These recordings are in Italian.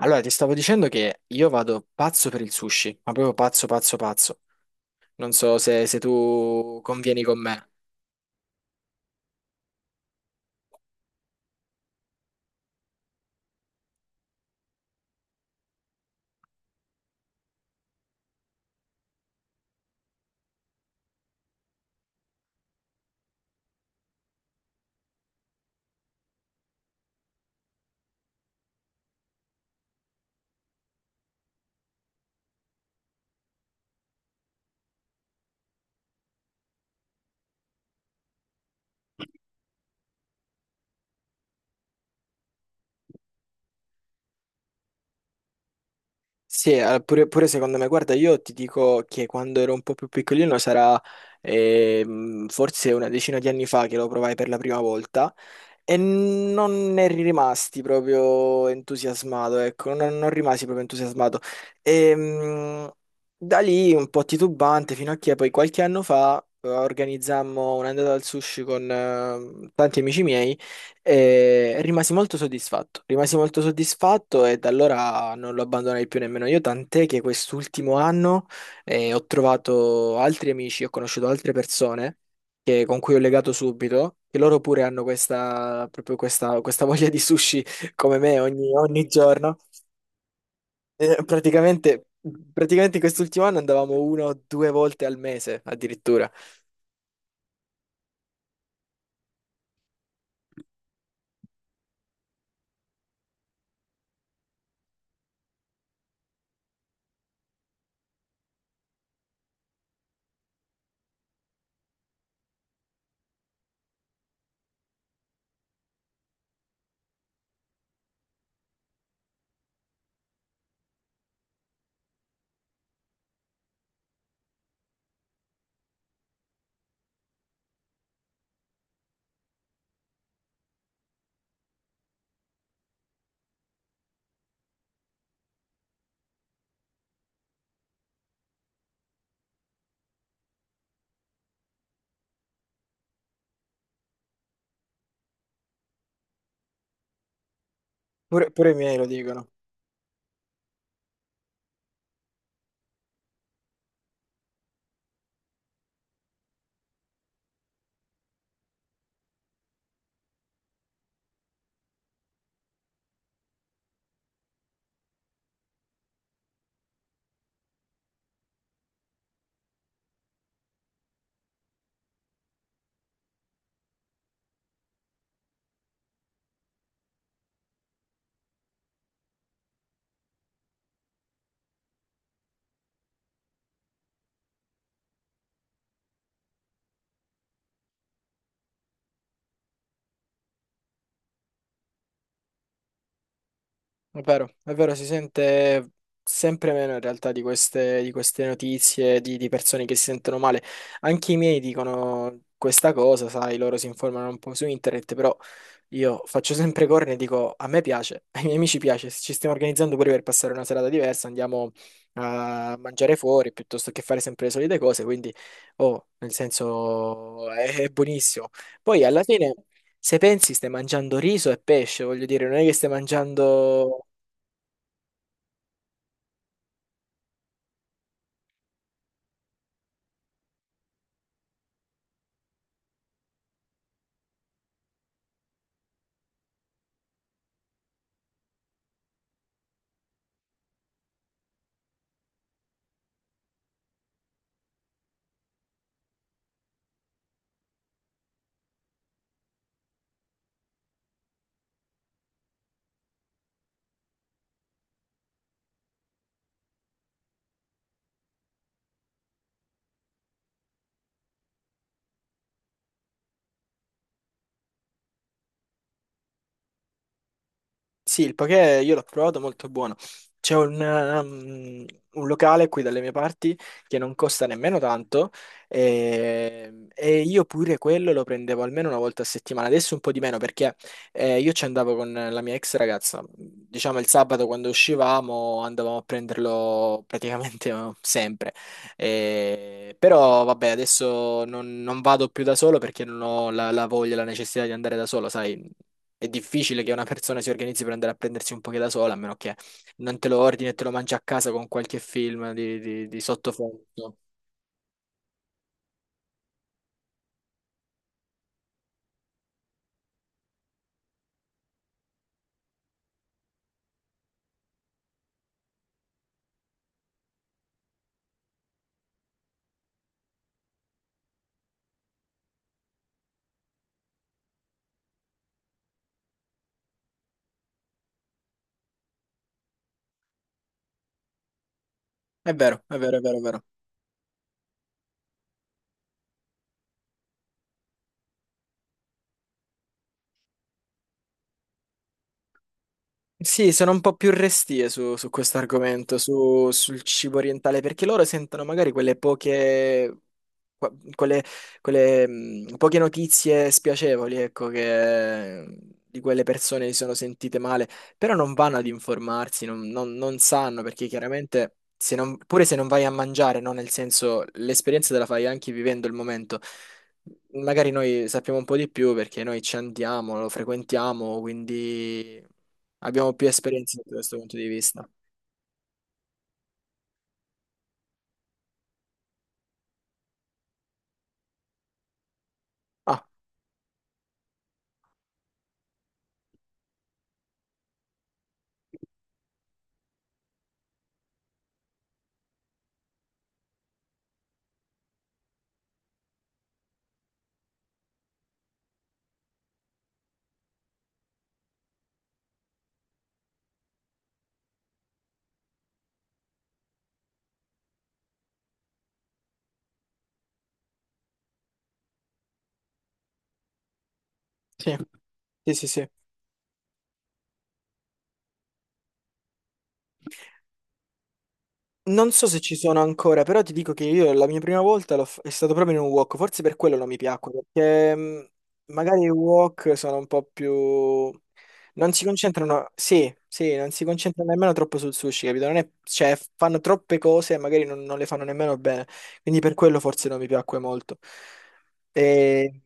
Allora, ti stavo dicendo che io vado pazzo per il sushi, ma proprio pazzo, pazzo, pazzo. Non so se tu convieni con me. Sì, pure secondo me, guarda, io ti dico che quando ero un po' più piccolino sarà forse una decina di anni fa che lo provai per la prima volta e non ne rimasti proprio entusiasmato, ecco, non rimasi proprio entusiasmato. Ehm, Da lì un po' titubante fino a che poi qualche anno fa organizzammo un'andata al sushi con tanti amici miei. E rimasi molto soddisfatto e da allora non lo abbandonai più nemmeno io, tant'è che quest'ultimo anno ho trovato altri amici, ho conosciuto altre persone con cui ho legato subito, che loro pure hanno questa, proprio questa voglia di sushi come me ogni giorno. Eh, praticamente, praticamente, in quest'ultimo anno andavamo una o due volte al mese addirittura, pure, pure i miei lo dicono. È vero, si sente sempre meno in realtà di queste notizie di persone che si sentono male. Anche i miei dicono questa cosa, sai, loro si informano un po' su internet, però io faccio sempre corna e dico a me piace, ai miei amici piace, se ci stiamo organizzando pure per passare una serata diversa, andiamo a mangiare fuori piuttosto che fare sempre le solite cose, quindi oh, nel senso è buonissimo. Poi alla fine. Se pensi stai mangiando riso e pesce, voglio dire, non è che stai mangiando. Sì, il poké io l'ho provato, molto buono. C'è un locale qui dalle mie parti che non costa nemmeno tanto e io pure quello lo prendevo almeno una volta a settimana. Adesso un po' di meno perché io ci andavo con la mia ex ragazza. Diciamo il sabato quando uscivamo andavamo a prenderlo praticamente sempre. Però vabbè, adesso non vado più da solo perché non ho la voglia, la necessità di andare da solo, sai. È difficile che una persona si organizzi per andare a prendersi un poche da sola, a meno che non te lo ordini e te lo mangi a casa con qualche film di sottofondo. È vero, è vero, è vero, è vero. Sì, sono un po' più restie su questo argomento, sul cibo orientale, perché loro sentono magari quelle poche qua- quelle, quelle, poche notizie spiacevoli, ecco, che di quelle persone si sono sentite male, però non vanno ad informarsi, non sanno, perché chiaramente se non- pure se non vai a mangiare, no? Nel senso, l'esperienza te la fai anche vivendo il momento. Magari noi sappiamo un po' di più perché noi ci andiamo, lo frequentiamo, quindi abbiamo più esperienza da questo punto di vista. Ah, sì, sì, sì, sì. Non so se ci sono ancora, però ti dico che io la mia prima volta è stato proprio in un wok, forse per quello non mi piacque, perché magari i wok sono un po' più. Non si concentrano, sì, sì, non si concentrano nemmeno troppo sul sushi, capito? Non è- cioè, fanno troppe cose e magari non le fanno nemmeno bene, quindi per quello forse non mi piacque molto. Ehm,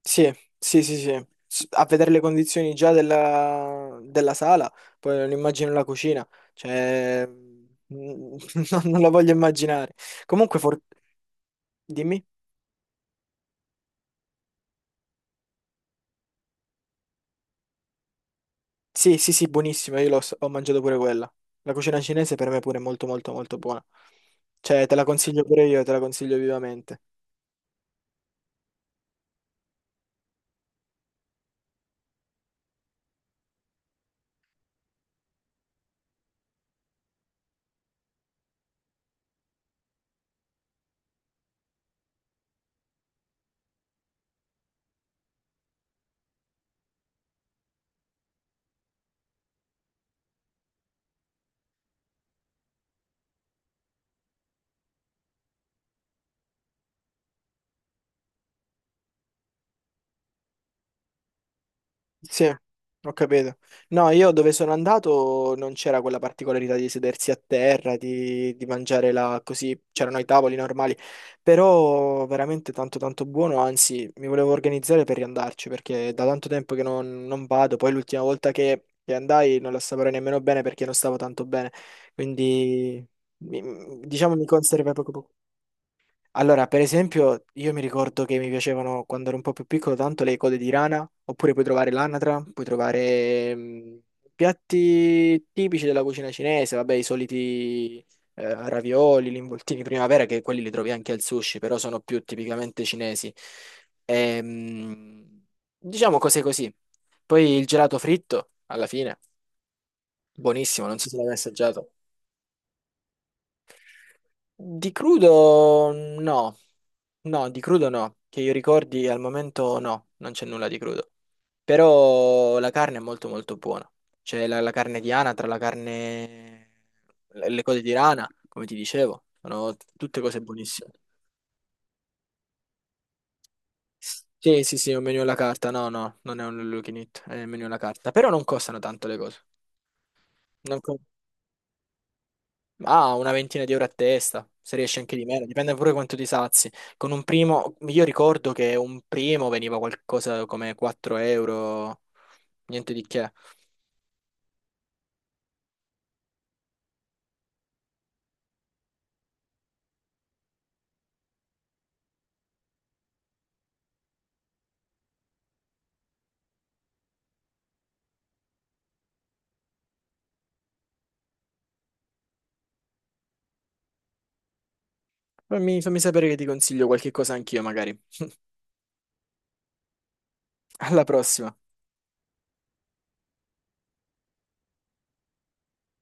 Sì, sì, sì, sì. A vedere le condizioni già della sala, poi non immagino la cucina, cioè non la voglio immaginare. Comunque, dimmi. Sì, sì, sì, buonissima, ho mangiato pure quella. La cucina cinese per me pure è molto, molto, molto buona. Cioè, te la consiglio pure io, te la consiglio vivamente. Sì, ho capito. No, io dove sono andato non c'era quella particolarità di sedersi a terra, di mangiare là così, c'erano i tavoli normali, però veramente tanto tanto buono, anzi mi volevo organizzare per riandarci perché da tanto tempo che non vado, poi l'ultima volta che andai non la assaporai nemmeno bene perché non stavo tanto bene, quindi diciamo mi conserva poco poco. Allora, per esempio, io mi ricordo che mi piacevano quando ero un po' più piccolo tanto le code di rana, oppure puoi trovare l'anatra, puoi trovare piatti tipici della cucina cinese, vabbè, i soliti ravioli, gli involtini di primavera, che quelli li trovi anche al sushi, però sono più tipicamente cinesi. Ehm, diciamo cose così. Poi il gelato fritto, alla fine, buonissimo, non so se l'hai mai assaggiato. Di crudo no, no, di crudo no, che io ricordi al momento no, non c'è nulla di crudo. Però la carne è molto molto buona. C'è la carne di anatra, la carne, le cose di rana, come ti dicevo, sono tutte cose buonissime. Sì, sì, sì, è un menu alla carta, no, no, non è un all you can eat, è un menu alla carta, però non costano tanto le cose. Ah, una ventina di euro a testa, se riesci anche di meno, dipende pure quanto ti sazi. Con un primo, io ricordo che un primo veniva qualcosa come 4 euro, niente di che. Fammi sapere che ti consiglio qualche cosa anch'io, magari. Alla prossima.